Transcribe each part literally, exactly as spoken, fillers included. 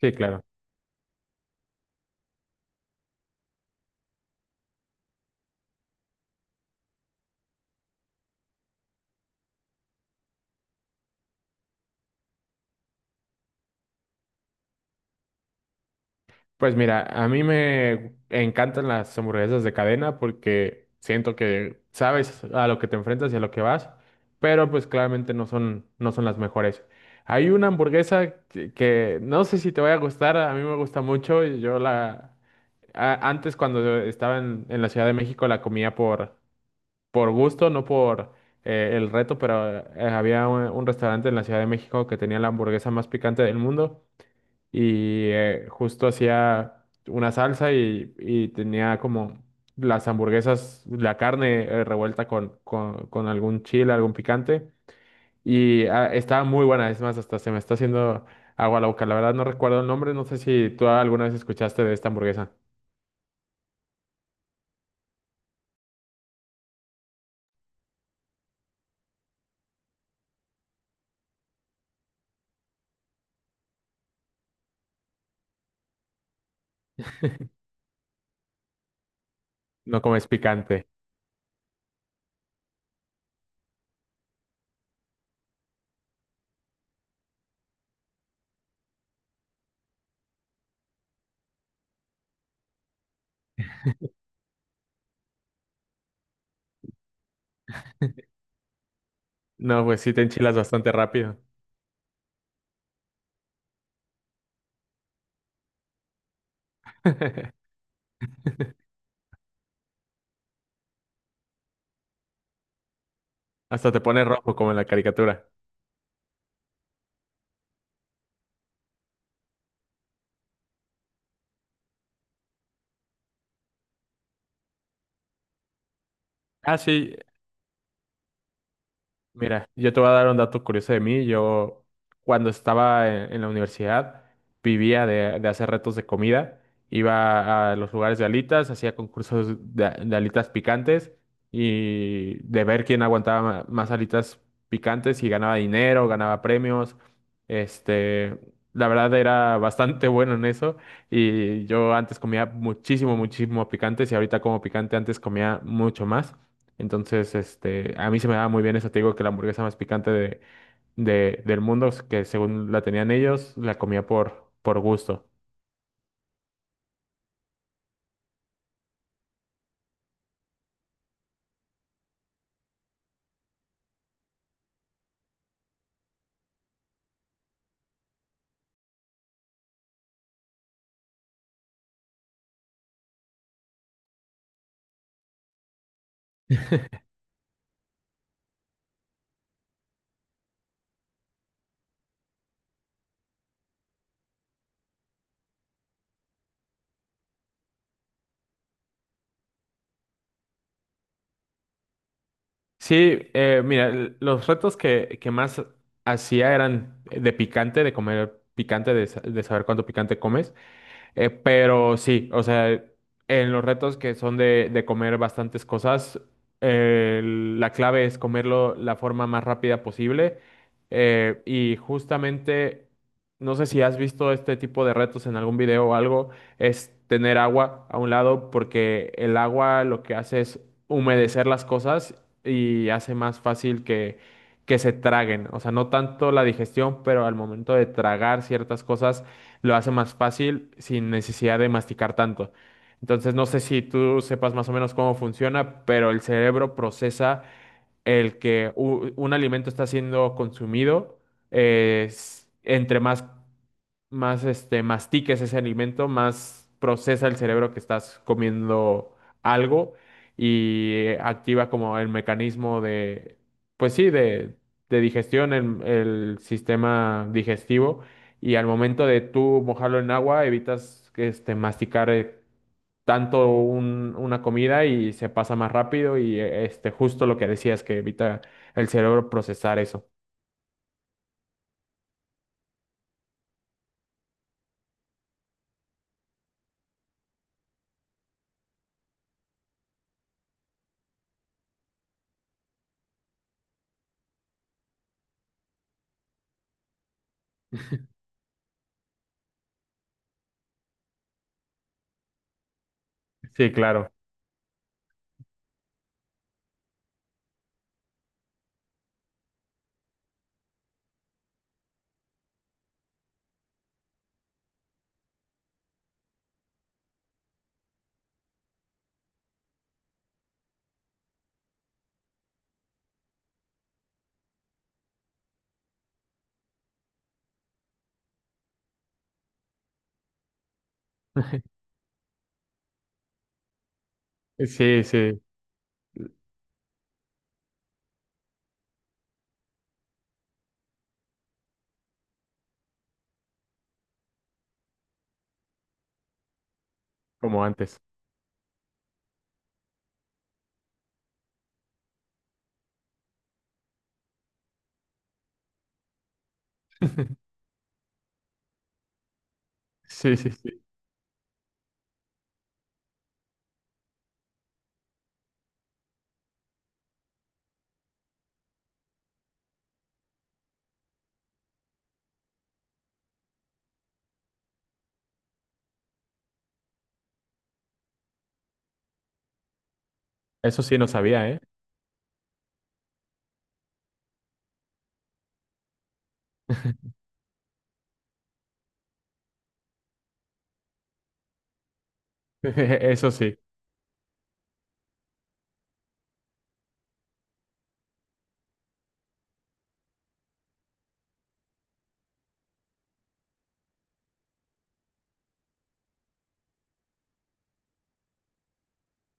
Sí, claro. Pues mira, a mí me encantan las hamburguesas de cadena porque siento que sabes a lo que te enfrentas y a lo que vas, pero pues claramente no son, no son las mejores. Hay una hamburguesa que, que no sé si te va a gustar, a mí me gusta mucho y yo la... a- antes cuando estaba en, en la Ciudad de México la comía por, por gusto, no por eh, el reto, pero eh, había un un restaurante en la Ciudad de México que tenía la hamburguesa más picante del mundo. Y eh, justo hacía una salsa y, y tenía como las hamburguesas, la carne eh, revuelta con, con, con algún chile, algún picante y ah, estaba muy buena, es más, hasta se me está haciendo agua la boca. La verdad no recuerdo el nombre, no sé si tú alguna vez escuchaste de esta hamburguesa. No comes picante. No, pues sí te enchilas bastante rápido. Hasta te pones rojo como en la caricatura. Ah, sí. Mira, yo te voy a dar un dato curioso de mí. Yo, cuando estaba en, en la universidad, vivía de, de hacer retos de comida. Iba a los lugares de alitas, hacía concursos de, de alitas picantes y de ver quién aguantaba ma- más alitas picantes y ganaba dinero, ganaba premios. Este, la verdad era bastante bueno en eso. Y yo antes comía muchísimo, muchísimo picantes y ahorita como picante, antes comía mucho más. Entonces, este, a mí se me daba muy bien eso. Te digo que la hamburguesa más picante de, de- del mundo, que según la tenían ellos, la comía por, por gusto. Sí, eh, mira, l- los retos que, que más hacía eran de picante, de comer picante, de, sa- de saber cuánto picante comes. Eh, pero sí, o sea, en los retos que son de, de comer bastantes cosas, eh, la clave es comerlo la forma más rápida posible. Eh, y justamente, no sé si has visto este tipo de retos en algún video o algo, es tener agua a un lado porque el agua lo que hace es humedecer las cosas y hace más fácil que, que se traguen. O sea, no tanto la digestión, pero al momento de tragar ciertas cosas lo hace más fácil sin necesidad de masticar tanto. Entonces, no sé si tú sepas más o menos cómo funciona, pero el cerebro procesa el que u- un alimento está siendo consumido eh, s- entre más más este, mastiques ese alimento, más procesa el cerebro que estás comiendo algo y activa como el mecanismo de, pues sí, de, de digestión, el, el sistema digestivo. Y al momento de tú mojarlo en agua, evitas que, este, masticar eh, tanto un- una comida y se pasa más rápido y eh, este, justo lo que decías, que evita el cerebro procesar eso. Sí, claro. Sí, sí, como antes. Sí, sí, sí. Eso sí, no sabía, ¿eh? Eso sí,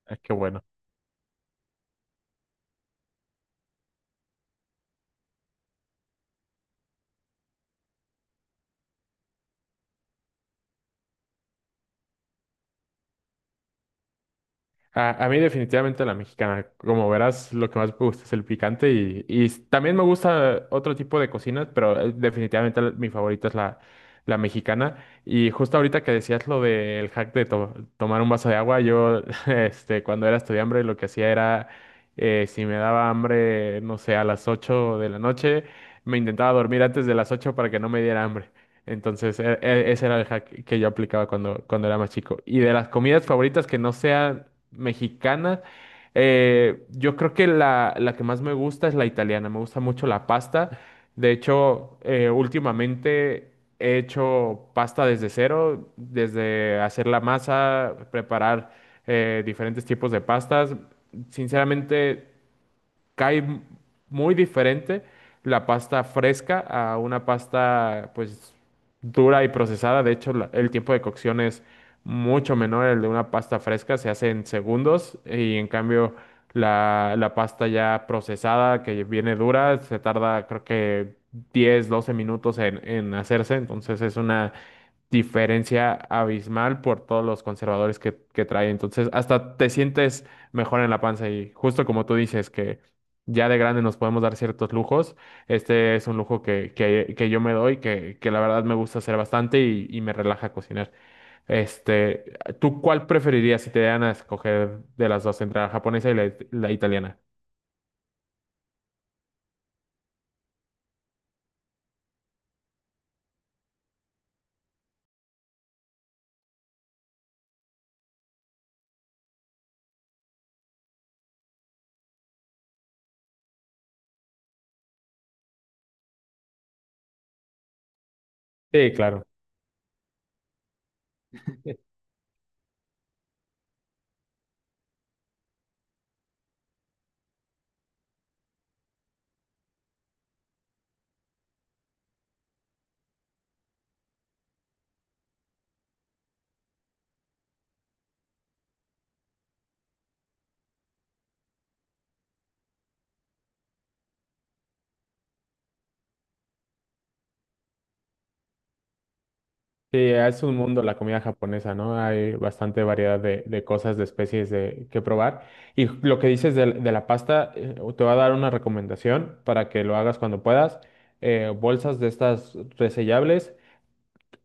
es que bueno. A, a mí definitivamente la mexicana. Como verás, lo que más me gusta es el picante y, y también me gusta otro tipo de cocinas, pero eh, definitivamente la- mi favorita es la, la mexicana. Y justo ahorita que decías lo del hack de to- tomar un vaso de agua, yo este, cuando era estudiante lo que hacía era, eh, si me daba hambre, no sé, a las ocho de la noche, me intentaba dormir antes de las ocho para que no me diera hambre. Entonces, e- e- ese era el hack que yo aplicaba cuando, cuando era más chico. Y de las comidas favoritas que no sean mexicana. Eh, yo creo que la, la que más me gusta es la italiana, me gusta mucho la pasta. De hecho, eh, últimamente he hecho pasta desde cero, desde hacer la masa, preparar eh, diferentes tipos de pastas. Sinceramente, cae muy diferente la pasta fresca a una pasta pues dura y procesada. De hecho, la- el tiempo de cocción es mucho menor el de una pasta fresca, se hace en segundos y en cambio la, la pasta ya procesada que viene dura se tarda creo que diez, doce minutos en, en hacerse. Entonces es una diferencia abismal por todos los conservadores que, que trae. Entonces, hasta te sientes mejor en la panza y justo como tú dices que ya de grande nos podemos dar ciertos lujos, este es un lujo que, que, que yo me doy, que, que la verdad me gusta hacer bastante y, y me relaja cocinar. Este, ¿tú cuál preferirías si te dan a escoger de las dos, entre la japonesa y la, la italiana? Sí, claro. Sí, es un mundo la comida japonesa, ¿no? Hay bastante variedad de, de cosas, de especies de, que probar. Y lo que dices de, de la pasta, eh, te voy a dar una recomendación para que lo hagas cuando puedas. Eh, bolsas de estas resellables,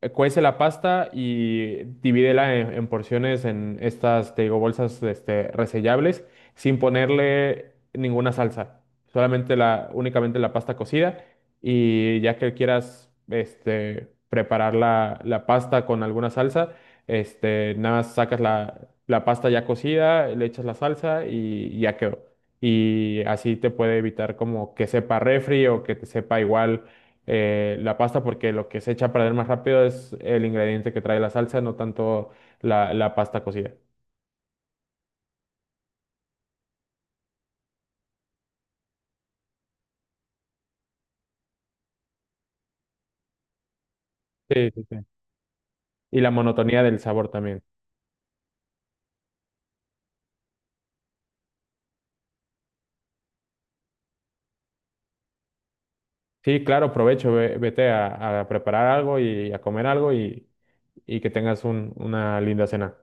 eh, cuece la pasta y divídela en, en porciones en estas, te digo, bolsas este, resellables sin ponerle ninguna salsa, solamente la, únicamente la pasta cocida y ya que quieras este, preparar la, la pasta con alguna salsa, este, nada más sacas la, la pasta ya cocida, le echas la salsa y ya quedó. Y así te puede evitar como que sepa refri o que te sepa igual eh, la pasta porque lo que se echa a perder más rápido es el ingrediente que trae la salsa, no tanto la, la pasta cocida. Sí, sí, sí. Y la monotonía del sabor también. Sí, claro, provecho, ve- vete a, a preparar algo y a comer algo y, y que tengas un- una linda cena.